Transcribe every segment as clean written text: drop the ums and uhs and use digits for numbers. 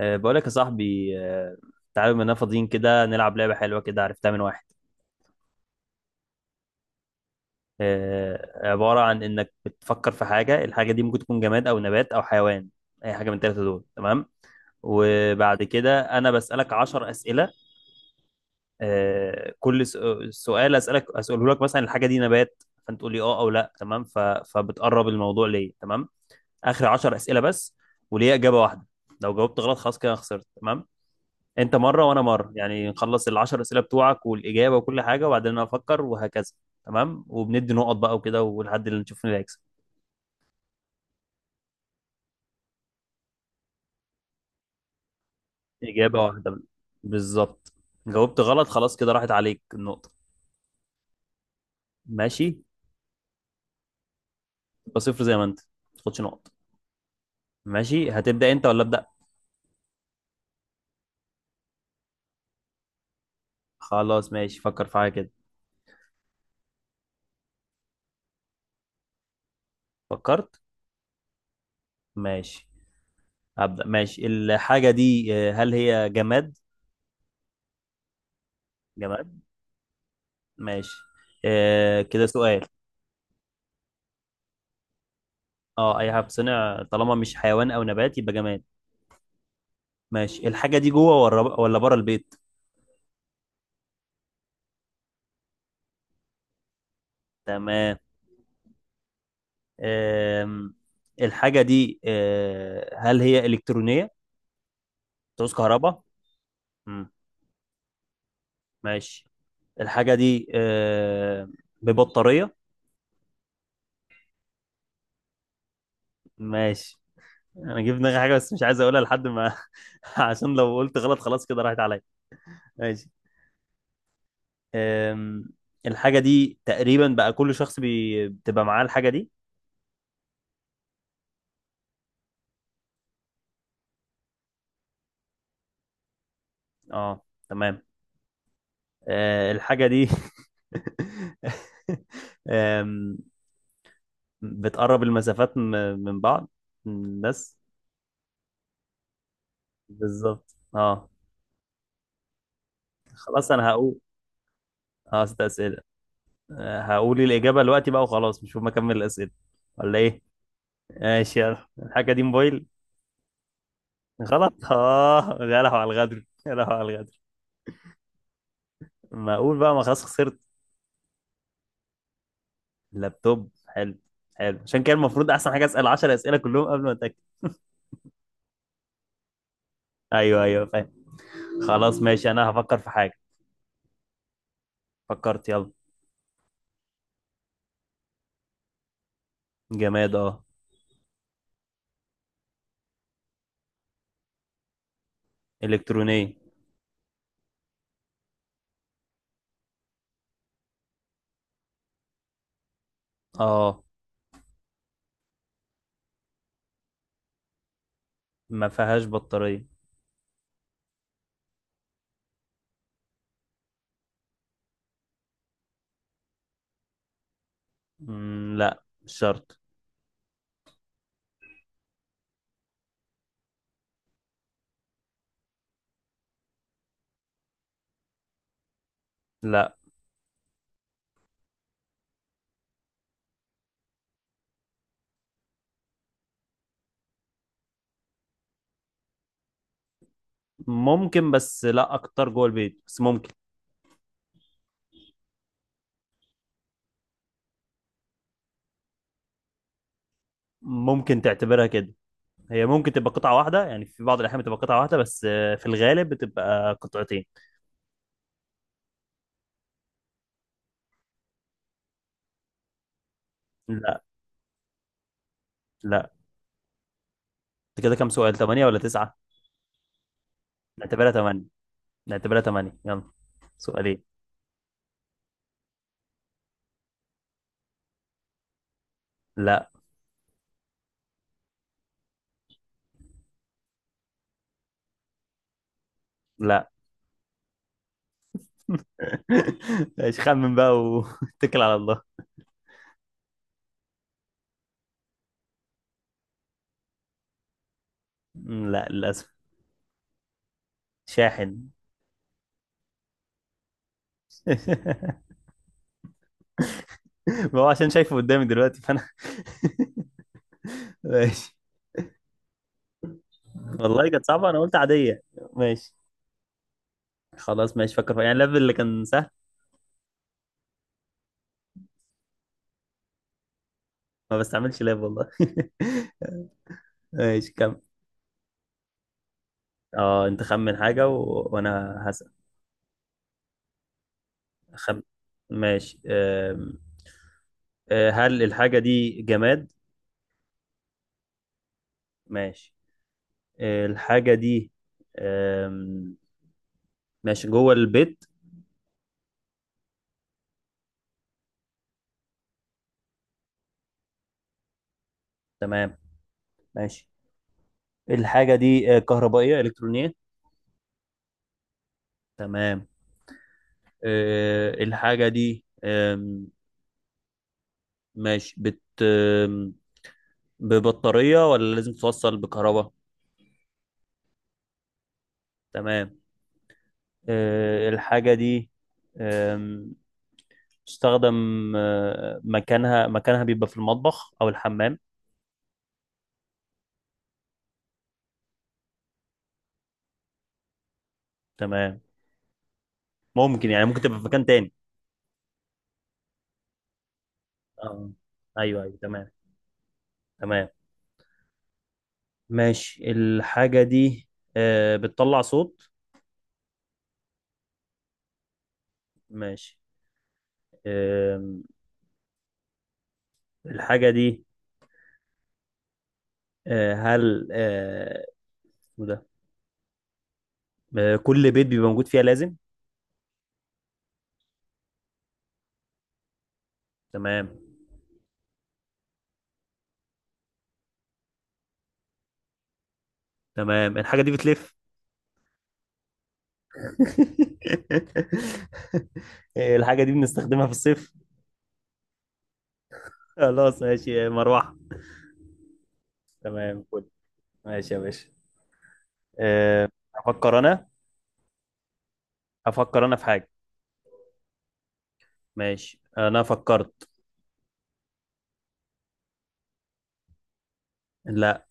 بقولك يا صاحبي، تعالى بما اننا فاضيين كده، نلعب لعبة حلوة كده عرفتها من واحد. عبارة عن انك بتفكر في حاجة. الحاجة دي ممكن تكون جماد او نبات او حيوان، اي حاجة من الثلاثة دول. تمام. وبعد كده انا بسألك عشر أسئلة. أه كل س- سؤال اسألك اسأله لك، مثلا الحاجة دي نبات فانت تقول لي اه او لا. تمام. فبتقرب الموضوع ليه. تمام. اخر عشر أسئلة بس، وليه إجابة واحدة. لو جاوبت غلط خلاص كده أنا خسرت. تمام، انت مره وانا مره، يعني نخلص العشر اسئله بتوعك والاجابه وكل حاجه وبعدين انا افكر وهكذا. تمام، وبندي نقط بقى وكده، ولحد اللي نشوف مين اللي هيكسب. اجابه واحده بالظبط. جاوبت غلط خلاص كده راحت عليك النقطه. ماشي، يبقى صفر زي ما انت ما تاخدش نقط. ماشي، هتبدا انت ولا ابدا؟ خلاص ماشي، فكر في حاجه كده. فكرت. ماشي، هبدا. ماشي، الحاجه دي هل هي جماد؟ جماد. ماشي. اه، كده سؤال. اه، اي حاجه بتصنع طالما مش حيوان او نبات يبقى جماد. ماشي، الحاجة دي جوه ولا بره البيت؟ تمام. أم... الحاجة دي هل هي إلكترونية؟ بتعوز كهرباء؟ مم. ماشي، الحاجة دي ببطارية؟ ماشي. أنا جبت دماغي حاجة بس مش عايز أقولها لحد ما. عشان لو قلت غلط خلاص كده راحت عليا. ماشي. أم... الحاجة دي تقريبا بقى كل بتبقى معاه الحاجة دي. اه تمام. الحاجة دي أم، بتقرب من بعض بس. بالظبط اه. خلاص انا هقول. اه، ست اسئله. هقول الاجابه دلوقتي بقى وخلاص، مش هما اكمل الاسئله ولا ايه؟ ماشي، يلا، الحاجه دي موبايل؟ غلط. اه، يا لهو على الغدر، يا لهو على الغدر. ما اقول بقى، ما خلاص خسرت. لابتوب؟ حلو، حلو. عشان كده المفروض احسن حاجه اسال 10 اسئله كلهم قبل ما اتاكد. ايوه ايوه فاهم. خلاص ماشي، انا هفكر في حاجه. فكرت يلا. جماد اه. الكترونيه. اه ما فيهاش بطاريه. مم، لا مش شرط. لا ممكن، بس لا، اكتر جوه البيت بس ممكن. ممكن تعتبرها كده، هي ممكن تبقى قطعة واحدة يعني، في بعض الأحيان بتبقى قطعة واحدة بس، في الغالب بتبقى قطعتين. لا. لا. انت كده كام سؤال، ثمانية ولا تسعة؟ نعتبرها ثمانية. نعتبرها ثمانية يلا. سؤالين. لا. لا. ايش، خمن بقى واتكل على الله. مم، لا للأسف. شاحن. ما هو عشان شايفه قدامي دلوقتي فأنا. ماشي. والله كانت صعبة، أنا قلت عادية. ماشي. خلاص ماشي، فكر فيها. يعني اللاب اللي كان سهل. ما بستعملش لاب والله. ماشي، كم. اه أنت خمن حاجة وأنا هسأل. خم... ماشي. هل الحاجة دي جماد؟ ماشي. الحاجة دي أم... ماشي، جوه البيت. تمام. ماشي، الحاجة دي كهربائية إلكترونية. تمام. الحاجة دي ماشي, ببطارية ولا لازم توصل بكهرباء؟ تمام. الحاجة دي آم، تستخدم. مكانها مكانها بيبقى في المطبخ أو الحمام. تمام. ممكن، يعني ممكن تبقى في مكان تاني. اه أيوه أيوه تمام. تمام. ماشي، الحاجة دي بتطلع صوت. ماشي. آم، الحاجة دي آه، هل آه، اسمه ده. كل بيت بيبقى موجود فيها لازم. تمام. تمام، الحاجة دي بتلف. الحاجة دي بنستخدمها في الصيف. خلاص ماشي، مروحة. تمام. فل. ماشي يا باشا. آه، أفكر أنا أفكر أنا في حاجة. ماشي، أنا فكرت. لا.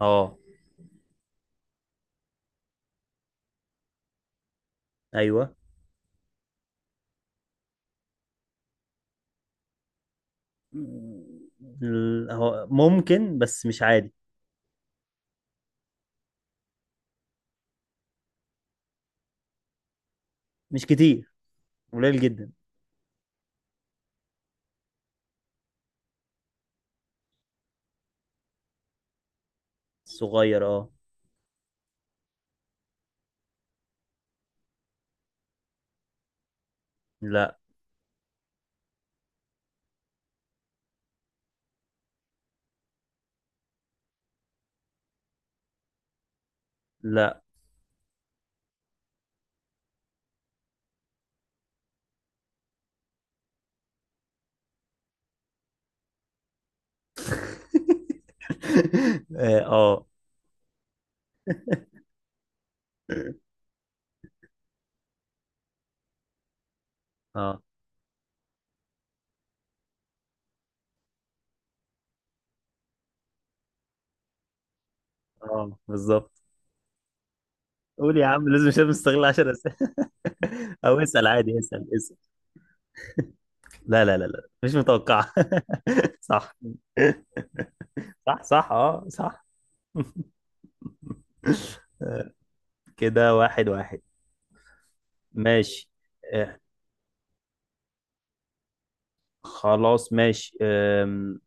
أه. أيوه. هو ممكن بس مش عادي. مش كتير، قليل جدا. صغير أه. لا. لا. أه أه. أه. بالظبط. قول يا عم، لازم مش مستغل 10 أسئلة. أو اسأل عادي، اسأل. لا لا لا لا، مش متوقعة. صح. صح صح اه صح. كده واحد واحد. ماشي. آه، خلاص ماشي.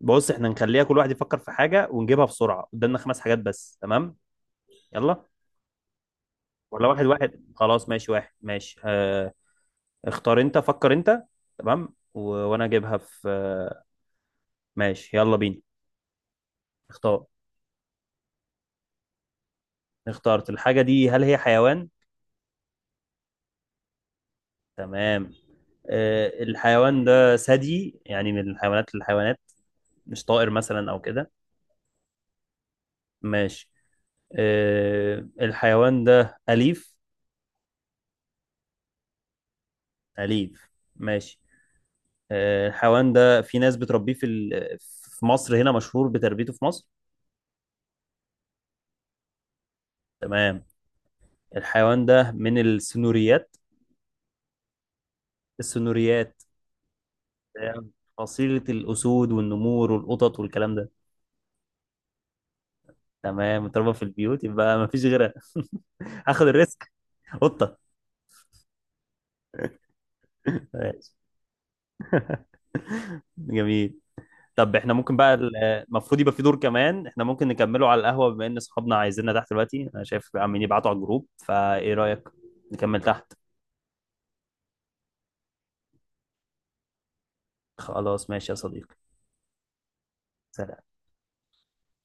بص، احنا نخليها كل واحد يفكر في حاجة ونجيبها بسرعة قدامنا، خمس حاجات بس. تمام يلا. ولا واحد واحد، خلاص ماشي، واحد ماشي اه. اختار انت، فكر انت. تمام، وانا اجيبها في. ماشي يلا بينا. اختار. اختارت الحاجة دي، هل هي حيوان؟ تمام. الحيوان ده ثدي يعني، من الحيوانات للحيوانات، مش طائر مثلا او كده. ماشي. الحيوان ده أليف. أليف. ماشي. الحيوان ده في ناس بتربيه في مصر، هنا مشهور بتربيته في مصر. تمام. الحيوان ده من السنوريات. السنوريات. آه، فصيلة الأسود والنمور والقطط والكلام ده. تمام، متربى في البيوت يبقى مفيش غيرها. هاخد الريسك. قطة. ماشي. جميل. طب احنا ممكن بقى، المفروض يبقى في دور كمان. احنا ممكن نكمله على القهوة، بما ان صحابنا عايزيننا تحت دلوقتي، انا شايف عمالين يبعتوا على الجروب، فايه رأيك، نكمل تحت؟ خلاص ماشي يا صديقي. سلام.